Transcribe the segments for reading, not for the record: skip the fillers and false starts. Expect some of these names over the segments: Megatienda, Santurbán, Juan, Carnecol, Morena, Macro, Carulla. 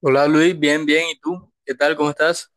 Hola Luis, bien, bien. ¿Y tú? ¿Qué tal? ¿Cómo estás?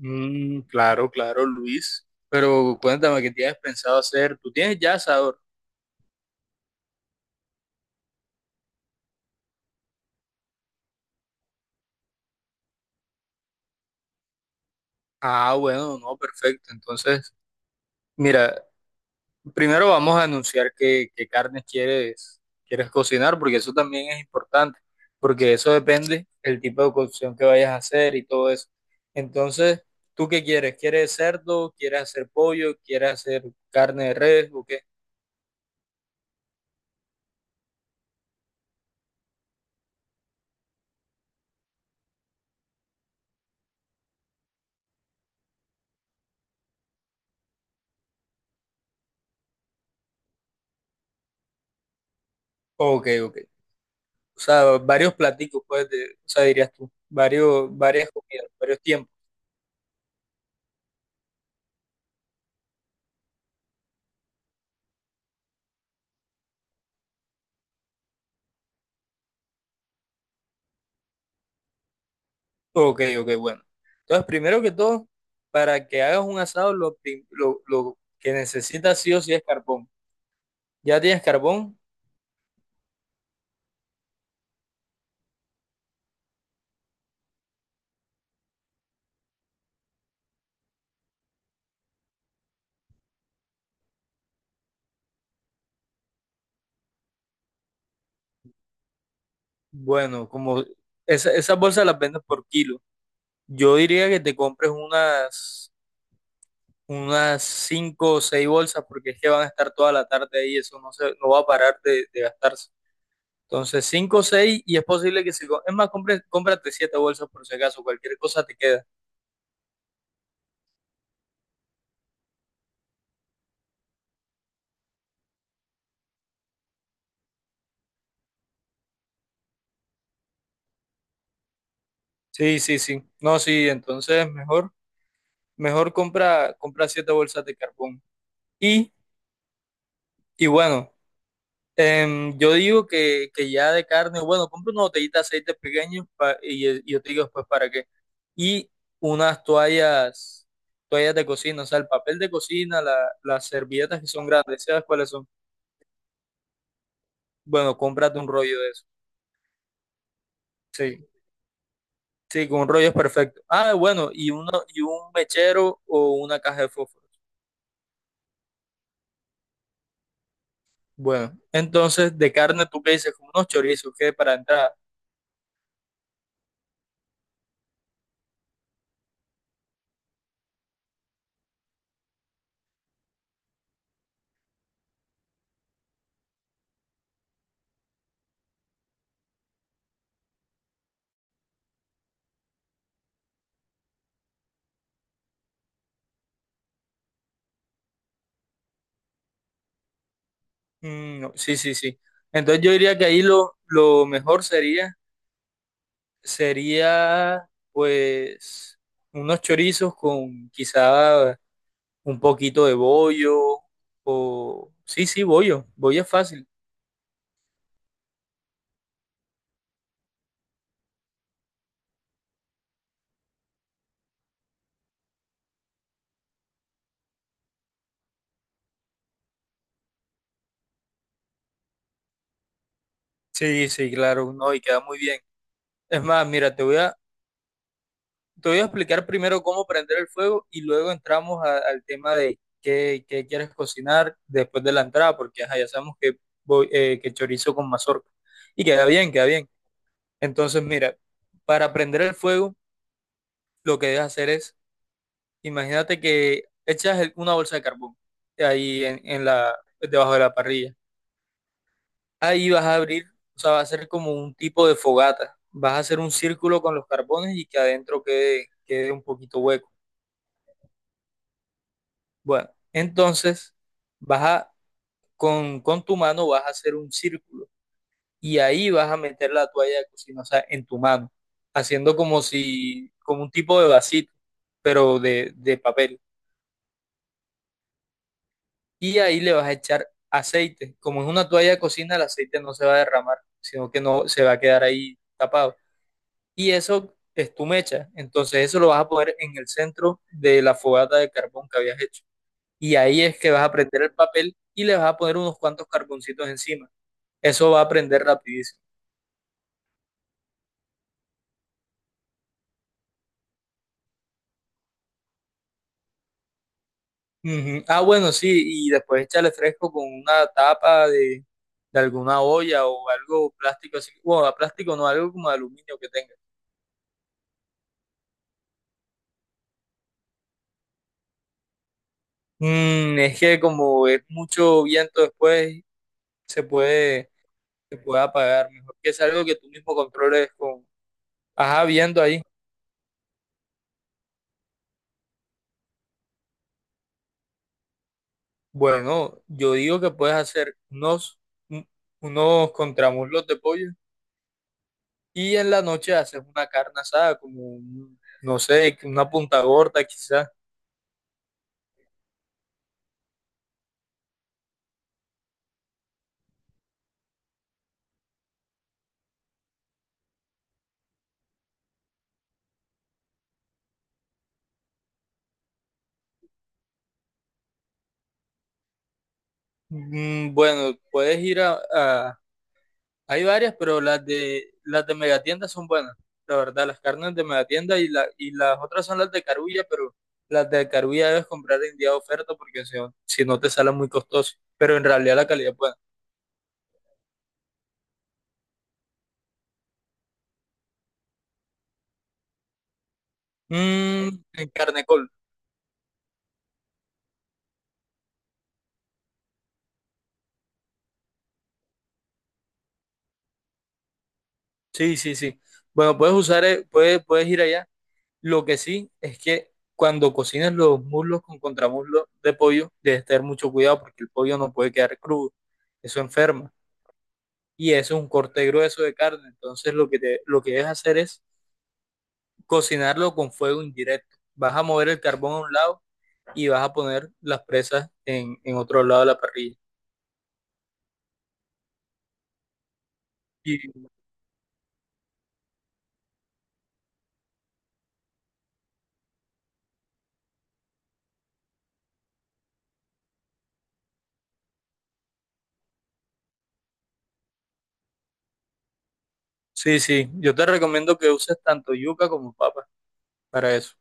Mm, claro, claro, Luis. Pero cuéntame, ¿qué tienes pensado hacer? ¿Tú tienes ya asador? Ah, bueno, no, perfecto. Entonces, mira, primero vamos a anunciar qué carnes quieres cocinar, porque eso también es importante, porque eso depende el tipo de cocción que vayas a hacer y todo eso. Entonces, ¿tú qué quieres? ¿Quieres cerdo? ¿Quieres hacer pollo? ¿Quieres hacer carne de res? ¿O qué? Ok, ok. O sea, varios platicos, pues, de, o sea, dirías tú, varios, varias comidas, varios tiempos. Ok, ok, bueno. Entonces, primero que todo, para que hagas un asado, lo que necesitas sí o sí es carbón. ¿Ya tienes carbón? Bueno, como esas bolsas las vendes por kilo. Yo diría que te compres unas cinco o seis bolsas porque es que van a estar toda la tarde ahí, eso no se, no va a parar de gastarse. Entonces, 5 o 6 y es posible que si... co- Es más, cómprate 7 bolsas por si acaso, cualquier cosa te queda. Sí, sí, sí. No, sí, entonces mejor, mejor compra, compra 7 bolsas de carbón. Y, y bueno, yo digo que ya de carne, bueno, compra una botellita de aceite pequeño y yo te digo después para qué. Y unas toallas, toallas de cocina, o sea, el papel de cocina, las servilletas que son grandes, ¿sabes cuáles son? Bueno, cómprate un rollo de eso. Sí. Sí, con un rollo es perfecto. Ah, bueno, y un mechero o una caja de fósforos. Bueno, entonces de carne, ¿tú qué dices? Como unos chorizos, ¿qué? Para entrar. Mm, no, sí, sí, sí. Entonces yo diría que ahí lo mejor sería pues unos chorizos con quizá un poquito de bollo Sí, sí, bollo. Bollo es fácil. Sí, sí, claro, no, y queda muy bien. Es más, mira, te voy a explicar primero cómo prender el fuego y luego entramos al tema de qué quieres cocinar después de la entrada, porque ajá, ya sabemos que chorizo con mazorca. Y queda bien, queda bien. Entonces, mira, para prender el fuego, lo que debes hacer es, imagínate que echas una bolsa de carbón ahí en, debajo de la parrilla. Ahí vas a abrir, o sea, va a ser como un tipo de fogata. Vas a hacer un círculo con los carbones y que adentro quede un poquito hueco. Bueno, entonces vas a, con tu mano vas a hacer un círculo y ahí vas a meter la toalla de cocina, o sea, en tu mano, haciendo como si, como un tipo de vasito, pero de papel. Y ahí le vas a echar aceite. Como es una toalla de cocina, el aceite no se va a derramar, sino que no se va a quedar ahí tapado. Y eso es tu mecha. Entonces eso lo vas a poner en el centro de la fogata de carbón que habías hecho. Y ahí es que vas a prender el papel y le vas a poner unos cuantos carboncitos encima. Eso va a prender rapidísimo. Ujú. Ah, bueno, sí, y después échale fresco con una tapa de alguna olla o algo plástico así. Bueno, plástico no, algo como de aluminio que tenga. Mm, es que como es mucho viento después, se puede, se puede apagar. Mejor que es algo que tú mismo controles. Ajá, viendo ahí. Bueno, yo digo que puedes hacer un- unos contramuslos de pollo. Y en la noche haces una carne asada, como, no sé, una punta gorda quizás. Bueno, puedes ir. Hay varias, pero las de Megatienda son buenas. La verdad, las carnes de Megatienda y las otras son las de Carulla, pero las de Carulla debes comprar en día de oferta porque si no te salen muy costoso. Pero en realidad la calidad es buena. Mm, en Carnecol. Sí, sí, sí. Bueno, puedes ir allá. Lo que sí es que cuando cocines los muslos con contramuslo de pollo, debes tener mucho cuidado porque el pollo no puede quedar crudo. Eso enferma. Y eso es un corte grueso de carne. Entonces lo que debes hacer es cocinarlo con fuego indirecto. Vas a mover el carbón a un lado y vas a poner las presas en otro lado de la parrilla. Y, sí, sí, yo te recomiendo que uses tanto yuca como papa para eso.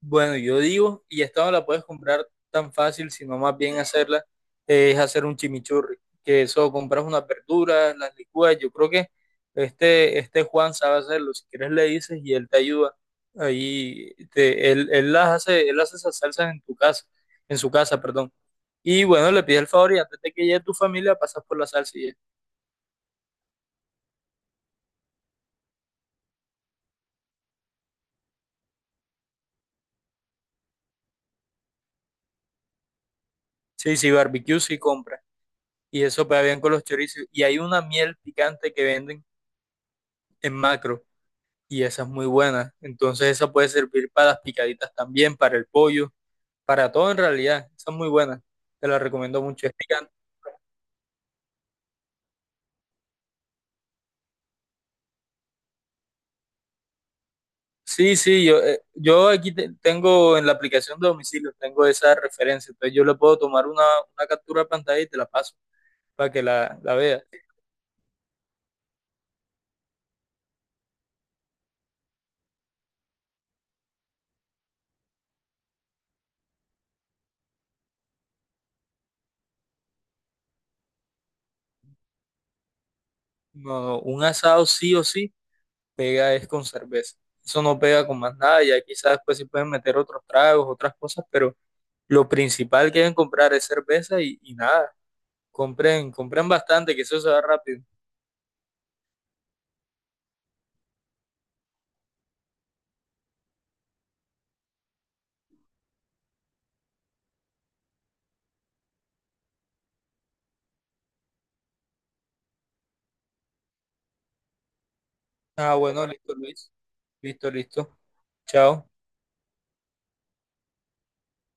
Bueno, yo digo, y esta no la puedes comprar tan fácil, sino más bien hacerla, es hacer un chimichurri, que eso compras unas verduras, las licúas, yo creo que este Juan sabe hacerlo, si quieres le dices y él te ayuda, ahí él las hace, él hace esas salsas en tu casa, en su casa, perdón. Y bueno, le pides el favor y antes de que llegue tu familia pasas por la salsa y ya. Sí, sí, barbecue sí compra, y eso pega bien con los chorizos, y hay una miel picante que venden en Macro y esa es muy buena. Entonces esa puede servir para las picaditas también, para el pollo, para todo en realidad. Esa es muy buena. Te la recomiendo mucho. Es picante. Sí, sí, yo aquí tengo en la aplicación de domicilio, tengo esa referencia. Entonces yo le puedo tomar una captura de pantalla y te la paso para que la veas. No, no, un asado sí o sí pega es con cerveza. Eso no pega con más nada. Ya quizás después sí pueden meter otros tragos, otras cosas, pero lo principal que deben comprar es cerveza y nada. Compren bastante, que eso se va rápido. Ah, bueno, listo, Luis. Listo, listo. Chao.